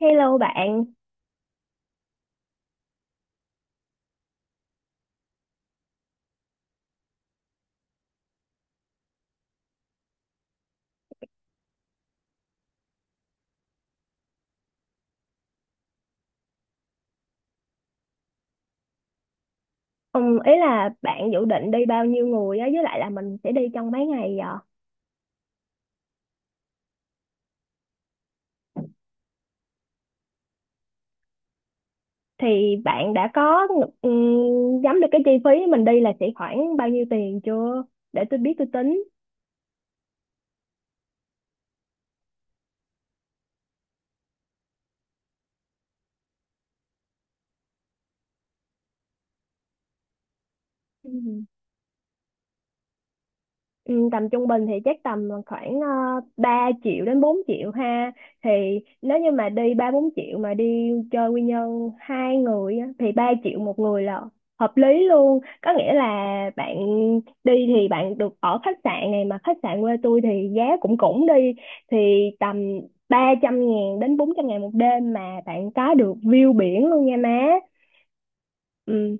Hello bạn. Ý là bạn dự định đi bao nhiêu người á, với lại là mình sẽ đi trong mấy ngày vậy? Thì bạn đã có nhắm được cái chi phí mình đi là sẽ khoảng bao nhiêu tiền chưa? Để tôi biết tôi tính. Ừ. Ừ, tầm trung bình thì chắc tầm khoảng 3 triệu đến 4 triệu ha. Thì nếu như mà đi 3 4 triệu mà đi chơi Quy Nhơn 2 người á, thì 3 triệu một người là hợp lý luôn, có nghĩa là bạn đi thì bạn được ở khách sạn, này mà khách sạn quê tôi thì giá cũng cũng đi thì tầm 300.000 đến 400.000 một đêm mà bạn có được view biển luôn nha má. Ừ,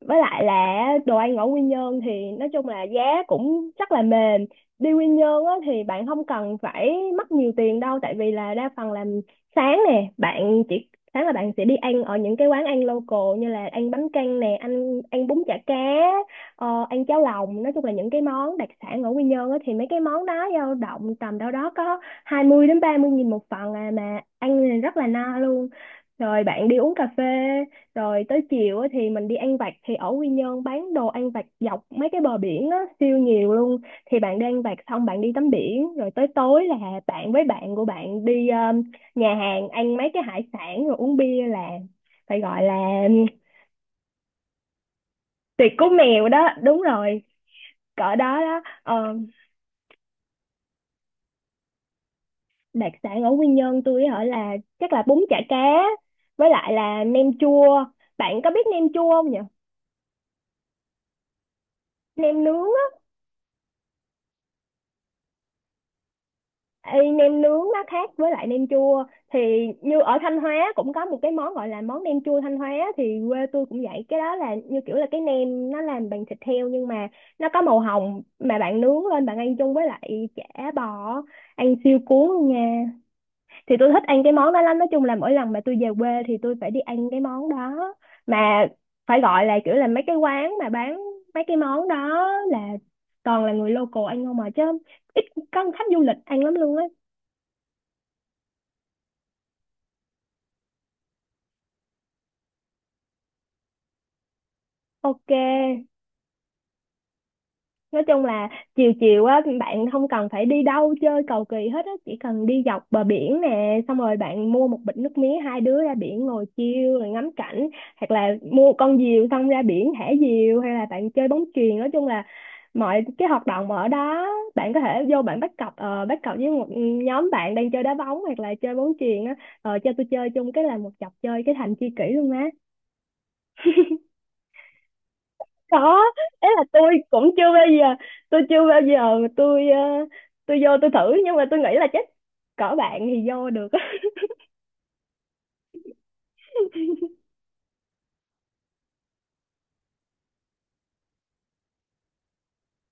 với lại là đồ ăn ở Quy Nhơn thì nói chung là giá cũng rất là mềm. Đi Quy Nhơn á, thì bạn không cần phải mất nhiều tiền đâu, tại vì là đa phần làm sáng nè, bạn chỉ sáng là bạn sẽ đi ăn ở những cái quán ăn local, như là ăn bánh căn nè, ăn ăn bún chả cá, ăn cháo lòng. Nói chung là những cái món đặc sản ở Quy Nhơn á, thì mấy cái món đó dao động tầm đâu đó có 20 đến 30 nghìn một phần à, mà ăn thì rất là no luôn. Rồi bạn đi uống cà phê, rồi tới chiều á thì mình đi ăn vặt. Thì ở Quy Nhơn bán đồ ăn vặt dọc mấy cái bờ biển á siêu nhiều luôn, thì bạn đi ăn vặt xong bạn đi tắm biển, rồi tới tối là bạn với bạn của bạn đi nhà hàng ăn mấy cái hải sản rồi uống bia, là phải gọi là tiệc của mèo đó, đúng rồi, cỡ đó đó. Ờ, Đặc sản ở Quy Nhơn tôi ở là chắc là bún chả cá với lại là nem chua. Bạn có biết nem chua không nhỉ? Nem nướng. Ê, nem nướng nó khác với lại nem chua, thì như ở Thanh Hóa cũng có một cái món gọi là món nem chua Thanh Hóa, thì quê tôi cũng vậy. Cái đó là như kiểu là cái nem nó làm bằng thịt heo nhưng mà nó có màu hồng, mà bạn nướng lên bạn ăn chung với lại chả bò, ăn siêu cuốn luôn nha. Thì tôi thích ăn cái món đó lắm, nói chung là mỗi lần mà tôi về quê thì tôi phải đi ăn cái món đó, mà phải gọi là kiểu là mấy cái quán mà bán mấy cái món đó là toàn là người local ăn không mà chứ, ít có khách du lịch ăn lắm luôn á. Ok, nói chung là chiều chiều á bạn không cần phải đi đâu chơi cầu kỳ hết á, chỉ cần đi dọc bờ biển nè, xong rồi bạn mua một bịch nước mía hai đứa ra biển ngồi chiêu rồi ngắm cảnh, hoặc là mua con diều xong ra biển thả diều, hay là bạn chơi bóng chuyền. Nói chung là mọi cái hoạt động ở đó bạn có thể vô, bạn bắt cặp với một nhóm bạn đang chơi đá bóng hoặc là chơi bóng chuyền á, cho tôi chơi chung cái là một chọc chơi cái thành tri kỷ luôn má. Có, ấy là tôi chưa bao giờ mà tôi vô tôi thử, nhưng mà tôi nghĩ là chắc cỡ bạn thì vô được á.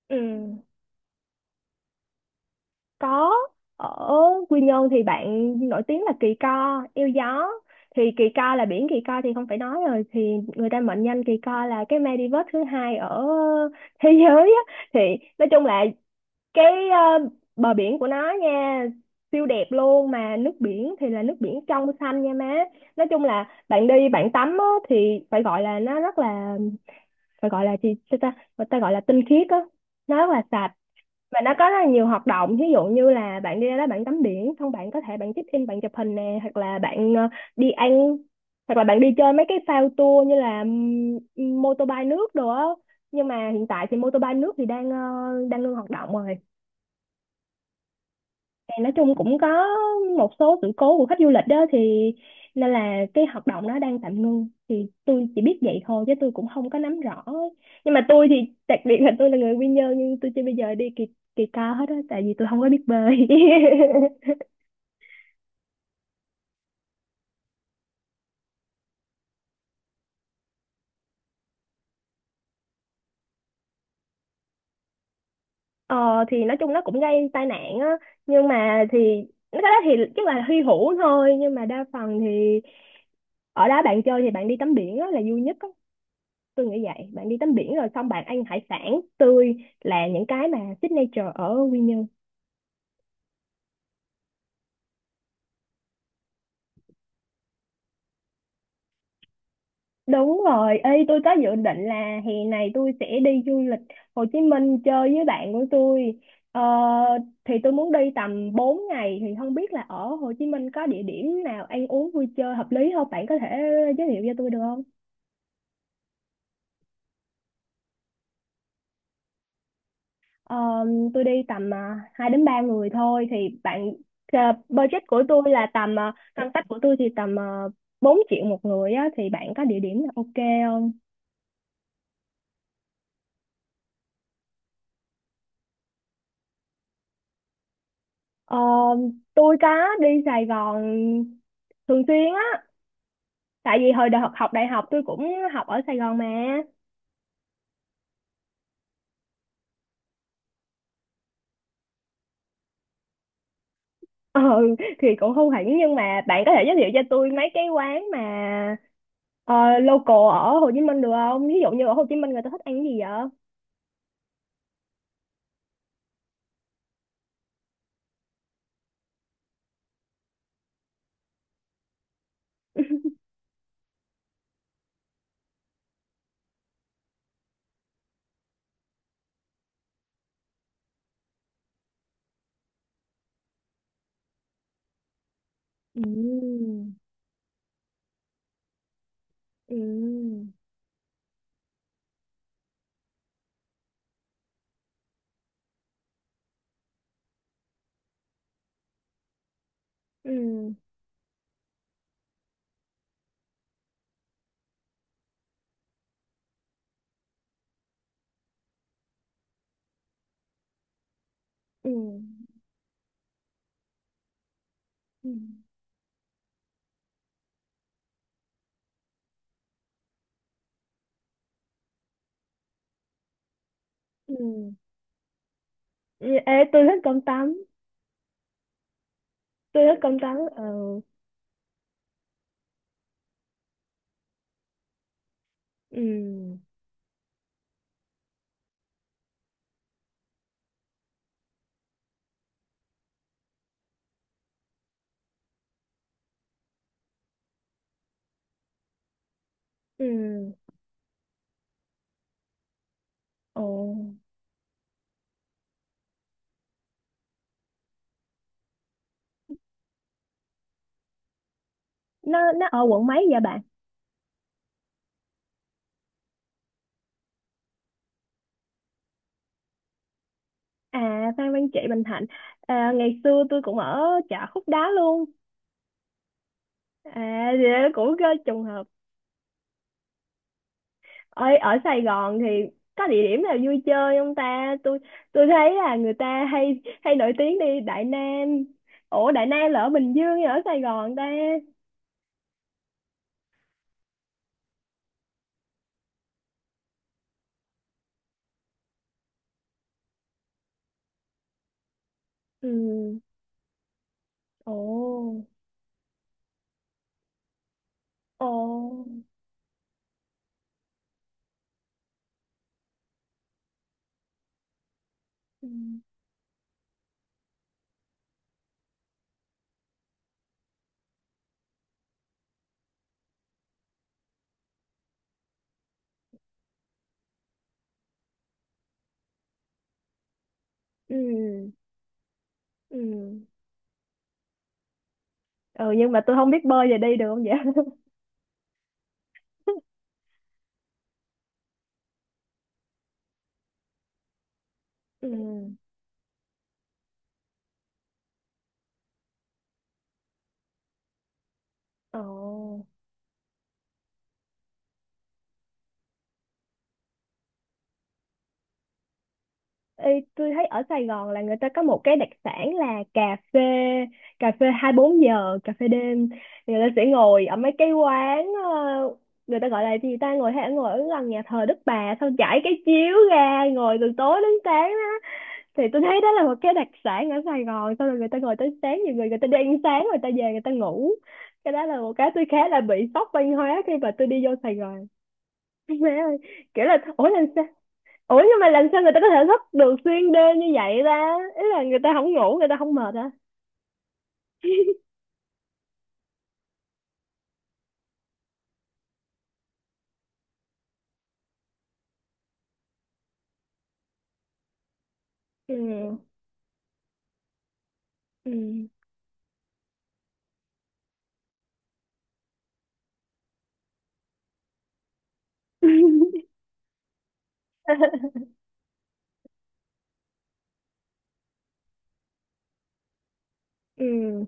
Ừ, có. Ở Quy Nhơn thì bạn nổi tiếng là Kỳ Co Yêu Gió. Thì Kỳ Co là biển Kỳ Co thì không phải nói rồi, thì người ta mệnh danh Kỳ Co là cái Maldives thứ hai ở thế giới á. Thì nói chung là cái bờ biển của nó nha siêu đẹp luôn, mà nước biển thì là nước biển trong xanh nha má. Nói chung là bạn đi bạn tắm á, thì phải gọi là nó rất là, phải gọi là gì sao ta, người ta gọi là tinh khiết á, nó rất là sạch. Và nó có rất là nhiều hoạt động, ví dụ như là bạn đi ra đó bạn tắm biển xong bạn có thể bạn check in bạn chụp hình nè, hoặc là bạn đi ăn, hoặc là bạn đi chơi mấy cái phao tour như là mô tô bay nước đồ á. Nhưng mà hiện tại thì mô tô bay nước thì đang ngưng hoạt động rồi. Thì nói chung cũng có một số sự cố của khách du lịch đó, thì nên là cái hoạt động nó đang tạm ngưng, thì tôi chỉ biết vậy thôi chứ tôi cũng không có nắm rõ. Nhưng mà tôi thì, đặc biệt là tôi là người Quy Nhơn nhưng tôi chưa bao giờ đi kỳ kỳ Cao hết á, tại vì tôi không có biết bơi. Ờ thì nói chung nó cũng gây tai nạn á, nhưng mà thì cái đó thì chắc là hy hữu thôi. Nhưng mà đa phần thì ở đó bạn chơi thì bạn đi tắm biển á là vui nhất á, tôi nghĩ vậy. Bạn đi tắm biển rồi xong bạn ăn hải sản tươi, là những cái mà signature ở Quy Nhơn. Đúng rồi, ê tôi có dự định là hè này tôi sẽ đi du lịch Hồ Chí Minh chơi với bạn của tôi. ờ, thì tôi muốn đi tầm 4 ngày, thì không biết là ở Hồ Chí Minh có địa điểm nào ăn uống vui chơi hợp lý không, bạn có thể giới thiệu cho tôi được không? Ờ, tôi đi tầm 2 đến 3 người thôi. Thì bạn, ờ, budget của tôi là tầm, ngân sách của tôi thì tầm uh, 4 triệu một người á, thì bạn có địa điểm nào ok không? Ờ, tôi có đi Sài Gòn thường xuyên á, tại vì hồi đại học học đại học tôi cũng học ở Sài Gòn mà. Ừ thì cũng không hẳn, nhưng mà bạn có thể giới thiệu cho tôi mấy cái quán mà ờ, local ở Hồ Chí Minh được không? Ví dụ như ở Hồ Chí Minh người ta thích ăn cái gì vậy? Ừ. Ừ. Ừ. Ừ. Ừ. Ừ. Ừ, ê tôi thích cơm tấm, tôi thích cơm tấm. Ừ. Ừ. Ừ. Ồ, nó ở quận mấy vậy bạn? À, Phan Văn Trị Bình Thạnh. À, ngày xưa tôi cũng ở chợ Khúc Đá luôn. À thì đó cũng có trùng hợp. Ở ở Sài Gòn thì có địa điểm nào vui chơi không ta? Tôi thấy là người ta hay hay nổi tiếng đi Đại Nam. Ủa Đại Nam là ở Bình Dương hay ở Sài Gòn ta? Ừ. Ồ. Ồ. Ừ. Ừ. Ừ. Ừ nhưng mà tôi không biết bơi, giờ đi được không vậy? Ừ. Ồ. Ê, tôi thấy ở Sài Gòn là người ta có một cái đặc sản là cà phê, cà phê 24 giờ, cà phê đêm. Người ta sẽ ngồi ở mấy cái quán, người ta gọi là gì ta, ngồi hay ngồi ở gần nhà thờ Đức Bà xong trải cái chiếu ra ngồi từ tối đến sáng. Thì tôi thấy đó là một cái đặc sản ở Sài Gòn. Xong rồi người ta ngồi tới sáng, nhiều người người ta đi ăn sáng người ta về người ta ngủ. Cái đó là một cái tôi khá là bị sốc văn hóa khi mà tôi đi vô Sài Gòn. Má ơi, kiểu là ủa làm sao, ủa nhưng mà làm sao người ta có thể thức được xuyên đêm như vậy ta, ý là người ta không ngủ người ta không mệt hả? Ừ. Ừ. Ừ.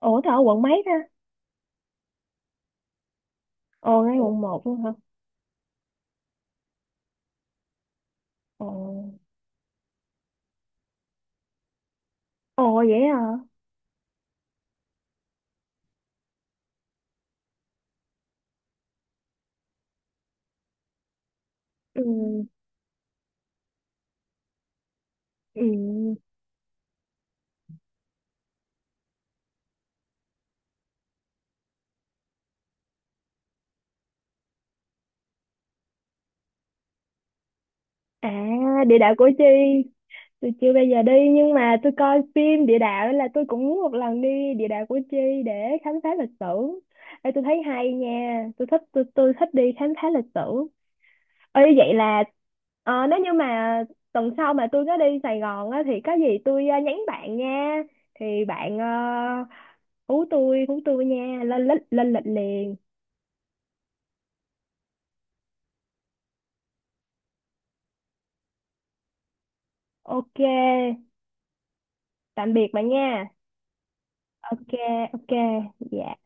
Ủa tao ở quận mấy ta? Ồ ngay quận một luôn hả? Ồ. Ồ vậy hả? Ừ. Ừ. À, địa đạo Củ Chi tôi chưa bây giờ đi, nhưng mà tôi coi phim địa đạo nên là tôi cũng muốn một lần đi địa đạo Củ Chi để khám phá lịch sử. Ê, tôi thấy hay nha, tôi thích, tôi thích đi khám phá lịch sử. Ê, vậy là nếu như mà tuần sau mà tôi có đi Sài Gòn á, thì có gì tôi nhắn bạn nha. Thì bạn, hú tôi nha, lên lịch liền. Ok, tạm biệt bạn nha. Ok. Ok. Dạ.